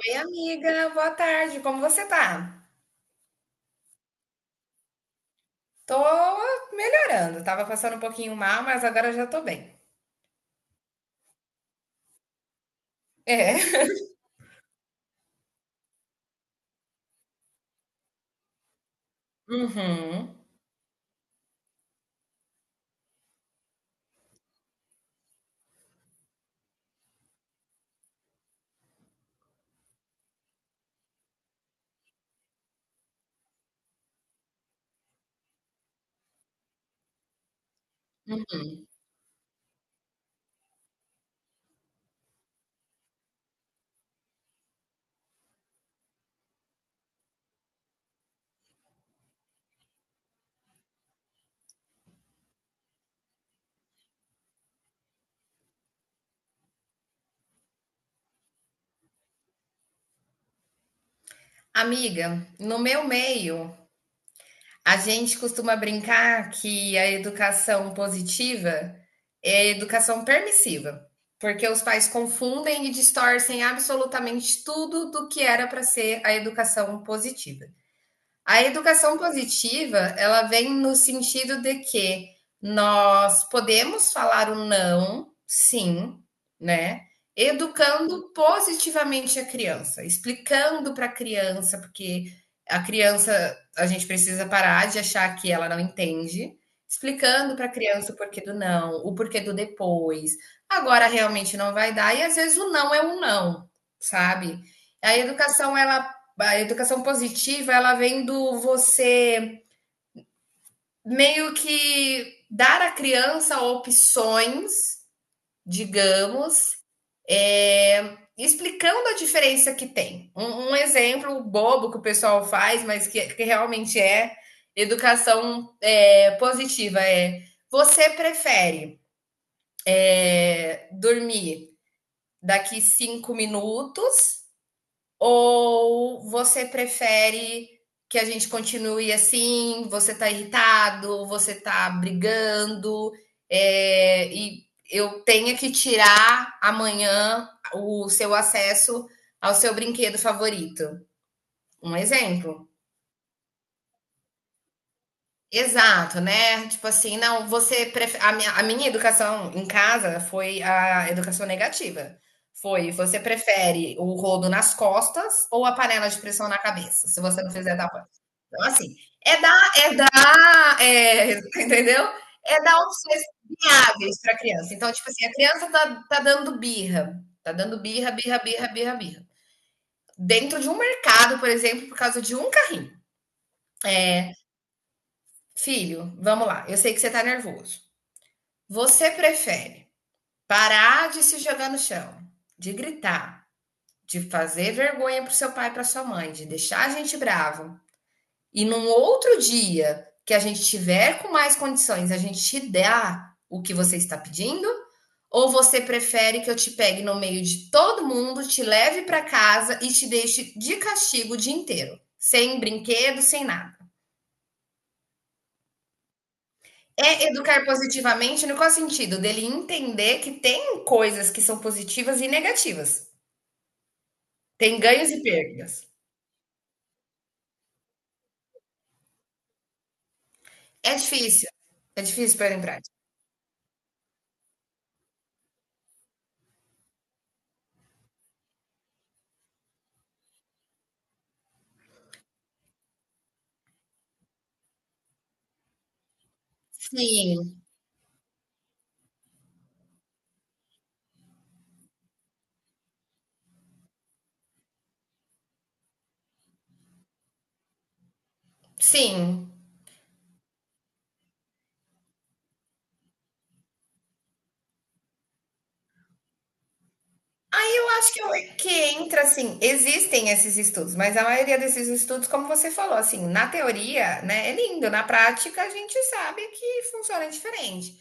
Oi, amiga, boa tarde. Como você tá? Tô melhorando. Tava passando um pouquinho mal, mas agora já tô bem. É. Uhum. Amiga, no meu meio, a gente costuma brincar que a educação positiva é a educação permissiva, porque os pais confundem e distorcem absolutamente tudo do que era para ser a educação positiva. A educação positiva, ela vem no sentido de que nós podemos falar o não, sim, né? Educando positivamente a criança, explicando para a criança, porque a criança, a gente precisa parar de achar que ela não entende, explicando para a criança o porquê do não, o porquê do depois. Agora realmente não vai dar e às vezes o não é um não, sabe? A educação ela a educação positiva, ela vem do você meio que dar à criança opções, digamos, é, explicando a diferença que tem. Um exemplo bobo que o pessoal faz, mas que realmente é educação positiva. É você prefere dormir daqui 5 minutos. Ou você prefere que a gente continue assim? Você tá irritado, você tá brigando, é, e eu tenha que tirar amanhã o seu acesso ao seu brinquedo favorito. Um exemplo. Exato, né? Tipo assim, não, você prefere. A minha educação em casa foi a educação negativa. Foi, você prefere o rodo nas costas ou a panela de pressão na cabeça, se você não fizer da coisa. Então, assim, é dar, é dar, é, entendeu? É dar opções viáveis para a criança. Então, tipo assim, a criança tá dando birra, tá dando birra, birra, birra, birra, birra. Dentro de um mercado, por exemplo, por causa de um carrinho. É, filho, vamos lá, eu sei que você tá nervoso. Você prefere parar de se jogar no chão, de gritar, de fazer vergonha para seu pai e para sua mãe, de deixar a gente bravo, e num outro dia que a gente tiver com mais condições, a gente te dá o que você está pedindo? Ou você prefere que eu te pegue no meio de todo mundo, te leve para casa e te deixe de castigo o dia inteiro, sem brinquedo, sem nada? É educar positivamente no qual sentido? Dele entender que tem coisas que são positivas e negativas. Tem ganhos e perdas. É difícil. É difícil pôr em prática. Sim, sim. Aí eu acho que entra assim, existem esses estudos, mas a maioria desses estudos, como você falou, assim, na teoria, né, é lindo, na prática a gente sabe que funciona diferente.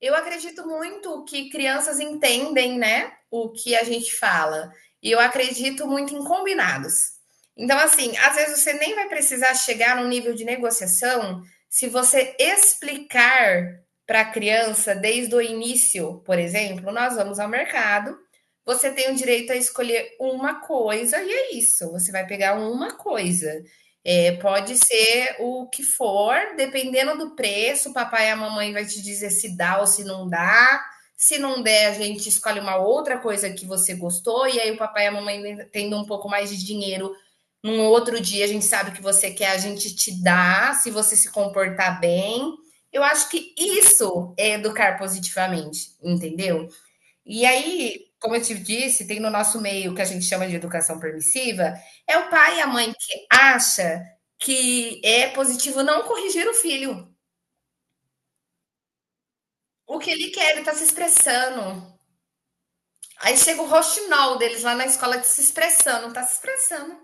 Eu acredito muito que crianças entendem, né, o que a gente fala. E eu acredito muito em combinados. Então, assim, às vezes você nem vai precisar chegar num nível de negociação se você explicar para a criança desde o início, por exemplo, nós vamos ao mercado. Você tem o direito a escolher uma coisa e é isso. Você vai pegar uma coisa. É, pode ser o que for, dependendo do preço, o papai e a mamãe vai te dizer se dá ou se não dá. Se não der, a gente escolhe uma outra coisa que você gostou, e aí o papai e a mamãe tendo um pouco mais de dinheiro. Num outro dia a gente sabe o que você quer, a gente te dá, se você se comportar bem. Eu acho que isso é educar positivamente, entendeu? E aí, como eu te disse, tem no nosso meio que a gente chama de educação permissiva, é o pai e a mãe que acha que é positivo não corrigir o filho. O que ele quer, ele tá se expressando. Aí chega o roxinol deles lá na escola se expressando, tá se expressando.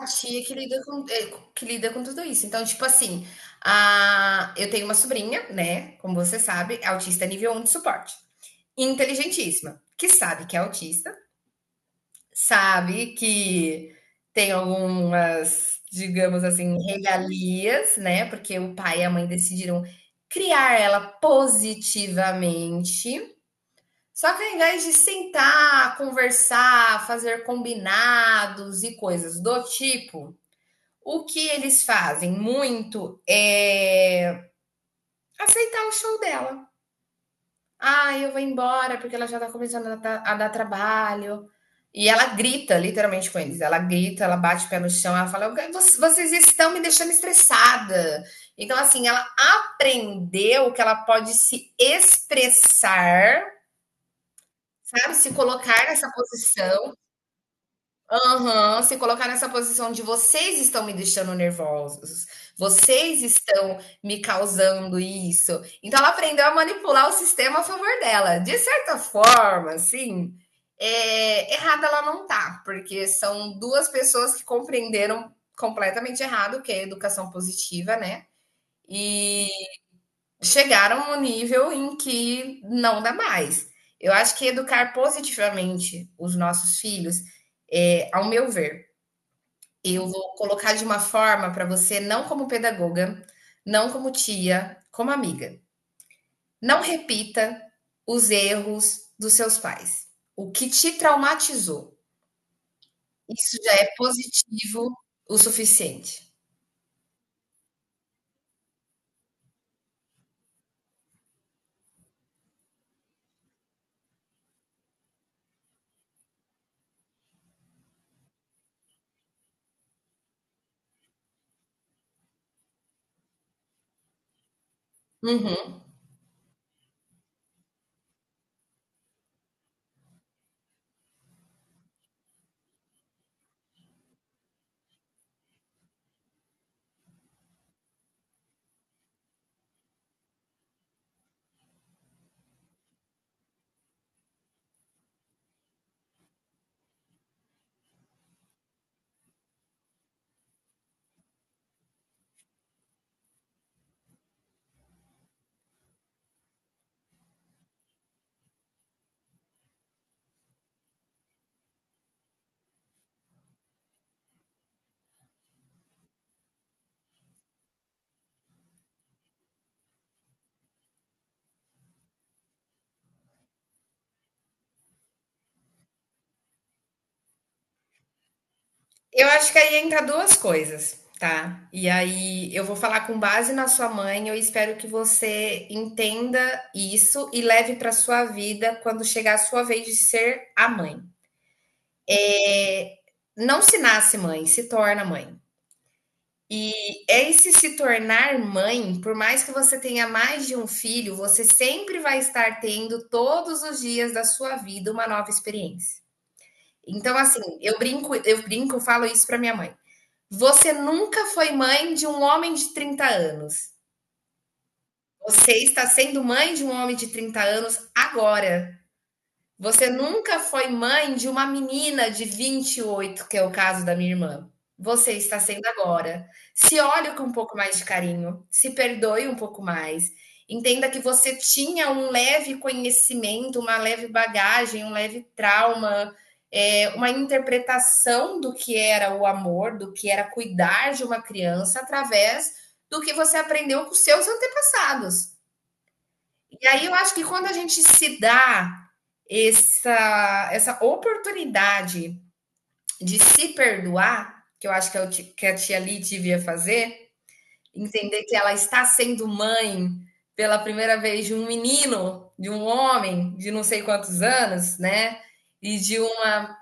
A tia que lida com, que lida com tudo isso. Então, tipo assim, eu tenho uma sobrinha, né? Como você sabe, é autista nível um de suporte. Inteligentíssima, que sabe que é autista, sabe que tem algumas, digamos assim, regalias, né, porque o pai e a mãe decidiram criar ela positivamente. Só que ao invés de sentar, conversar, fazer combinados e coisas do tipo, o que eles fazem muito é aceitar o show dela. Ah, eu vou embora porque ela já tá começando a dar trabalho. E ela grita, literalmente, com eles. Ela grita, ela bate o pé no chão, ela fala: "Vocês estão me deixando estressada. Então, assim, ela aprendeu que ela pode se expressar, sabe? Se colocar nessa posição. Aham, se colocar nessa posição de vocês estão me deixando nervosos, vocês estão me causando isso. Então ela aprendeu a manipular o sistema a favor dela. De certa forma, assim, é, errada ela não tá, porque são duas pessoas que compreenderam completamente errado o que é educação positiva, né? E chegaram a um nível em que não dá mais. Eu acho que educar positivamente os nossos filhos, é, ao meu ver, eu vou colocar de uma forma para você, não como pedagoga, não como tia, como amiga. Não repita os erros dos seus pais. O que te traumatizou. Isso já é positivo o suficiente. Uhum. Eu acho que aí entra duas coisas, tá? E aí eu vou falar com base na sua mãe. Eu espero que você entenda isso e leve para sua vida quando chegar a sua vez de ser a mãe. É, não se nasce mãe, se torna mãe. E esse se tornar mãe, por mais que você tenha mais de um filho, você sempre vai estar tendo todos os dias da sua vida uma nova experiência. Então, assim, eu brinco, eu brinco, eu falo isso para minha mãe. Você nunca foi mãe de um homem de 30 anos. Você está sendo mãe de um homem de 30 anos agora. Você nunca foi mãe de uma menina de 28, que é o caso da minha irmã. Você está sendo agora. Se olhe com um pouco mais de carinho, se perdoe um pouco mais. Entenda que você tinha um leve conhecimento, uma leve bagagem, um leve trauma, é, uma interpretação do que era o amor, do que era cuidar de uma criança através do que você aprendeu com seus antepassados. E aí eu acho que quando a gente se dá essa oportunidade de se perdoar, que eu acho que, eu, que a tia Li devia fazer, entender que ela está sendo mãe pela primeira vez de um menino, de um homem de não sei quantos anos, né? E de uma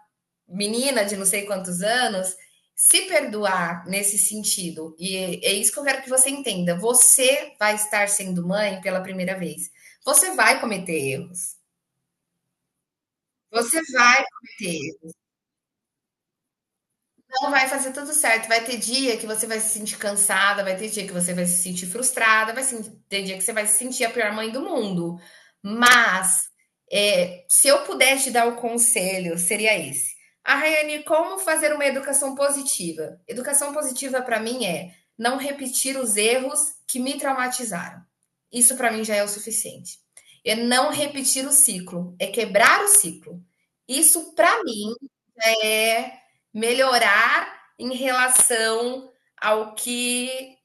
menina de não sei quantos anos, se perdoar nesse sentido. E é isso que eu quero que você entenda. Você vai estar sendo mãe pela primeira vez. Você vai cometer erros. Você vai cometer Não vai fazer tudo certo. Vai ter dia que você vai se sentir cansada, vai ter dia que você vai se sentir frustrada, vai se- ter dia que você vai se sentir a pior mãe do mundo. Mas é, se eu pudesse te dar o conselho, seria esse. Ah, Rayane, como fazer uma educação positiva? Educação positiva para mim é não repetir os erros que me traumatizaram. Isso para mim já é o suficiente. É não repetir o ciclo, é quebrar o ciclo. Isso para mim é melhorar em relação ao que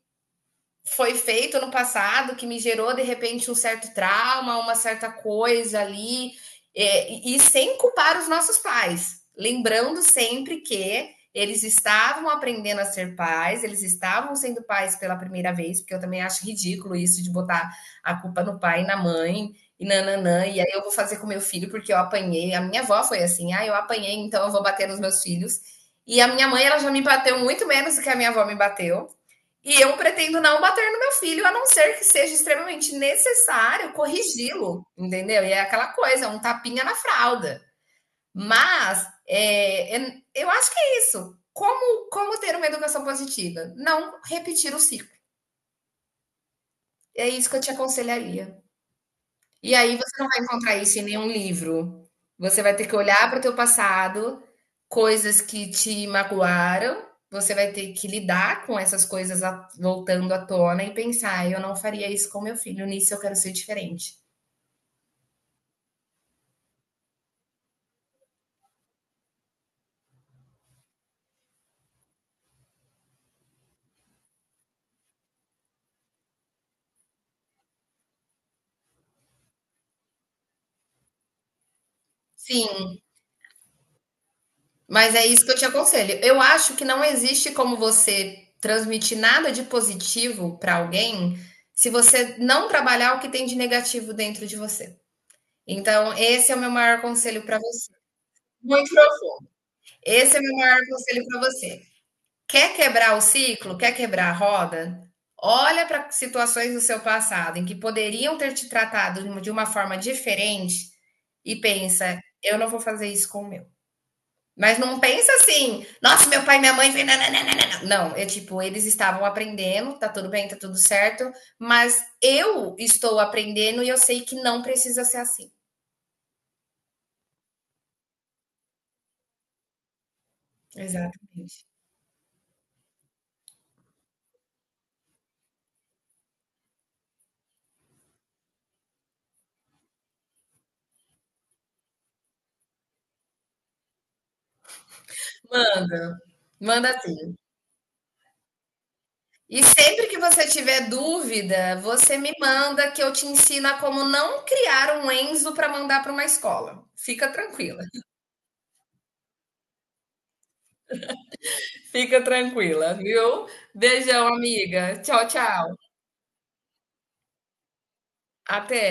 foi feito no passado que me gerou de repente um certo trauma, uma certa coisa ali, é, e sem culpar os nossos pais, lembrando sempre que eles estavam aprendendo a ser pais, eles estavam sendo pais pela primeira vez, porque eu também acho ridículo isso de botar a culpa no pai e na mãe, e nananã, e aí eu vou fazer com meu filho porque eu apanhei. A minha avó foi assim, ah, eu apanhei, então eu vou bater nos meus filhos. E a minha mãe, ela já me bateu muito menos do que a minha avó me bateu. E eu pretendo não bater no meu filho, a não ser que seja extremamente necessário corrigi-lo, entendeu? E é aquela coisa, um tapinha na fralda. Mas eu acho que é isso. Como, como ter uma educação positiva? Não repetir o ciclo. É isso que eu te aconselharia. E aí você não vai encontrar isso em nenhum livro. Você vai ter que olhar para o teu passado, coisas que te magoaram, você vai ter que lidar com essas coisas voltando à tona e pensar, eu não faria isso com meu filho, nisso eu quero ser diferente. Sim, mas é isso que eu te aconselho. Eu acho que não existe como você transmitir nada de positivo para alguém se você não trabalhar o que tem de negativo dentro de você. Então, esse é o meu maior conselho para você. Muito profundo. Esse é o meu maior conselho para você. Quer quebrar o ciclo? Quer quebrar a roda? Olha para situações do seu passado em que poderiam ter te tratado de uma forma diferente e pensa: eu não vou fazer isso com o meu. Mas não pensa assim, nossa, meu pai e minha mãe. Não, não, não, não, é tipo, eles estavam aprendendo, tá tudo bem, tá tudo certo, mas eu estou aprendendo e eu sei que não precisa ser assim. Exatamente. Manda, manda assim. E sempre que você tiver dúvida, você me manda que eu te ensino a como não criar um Enzo para mandar para uma escola. Fica tranquila. Fica tranquila, viu? Beijão, amiga. Tchau, tchau. Até.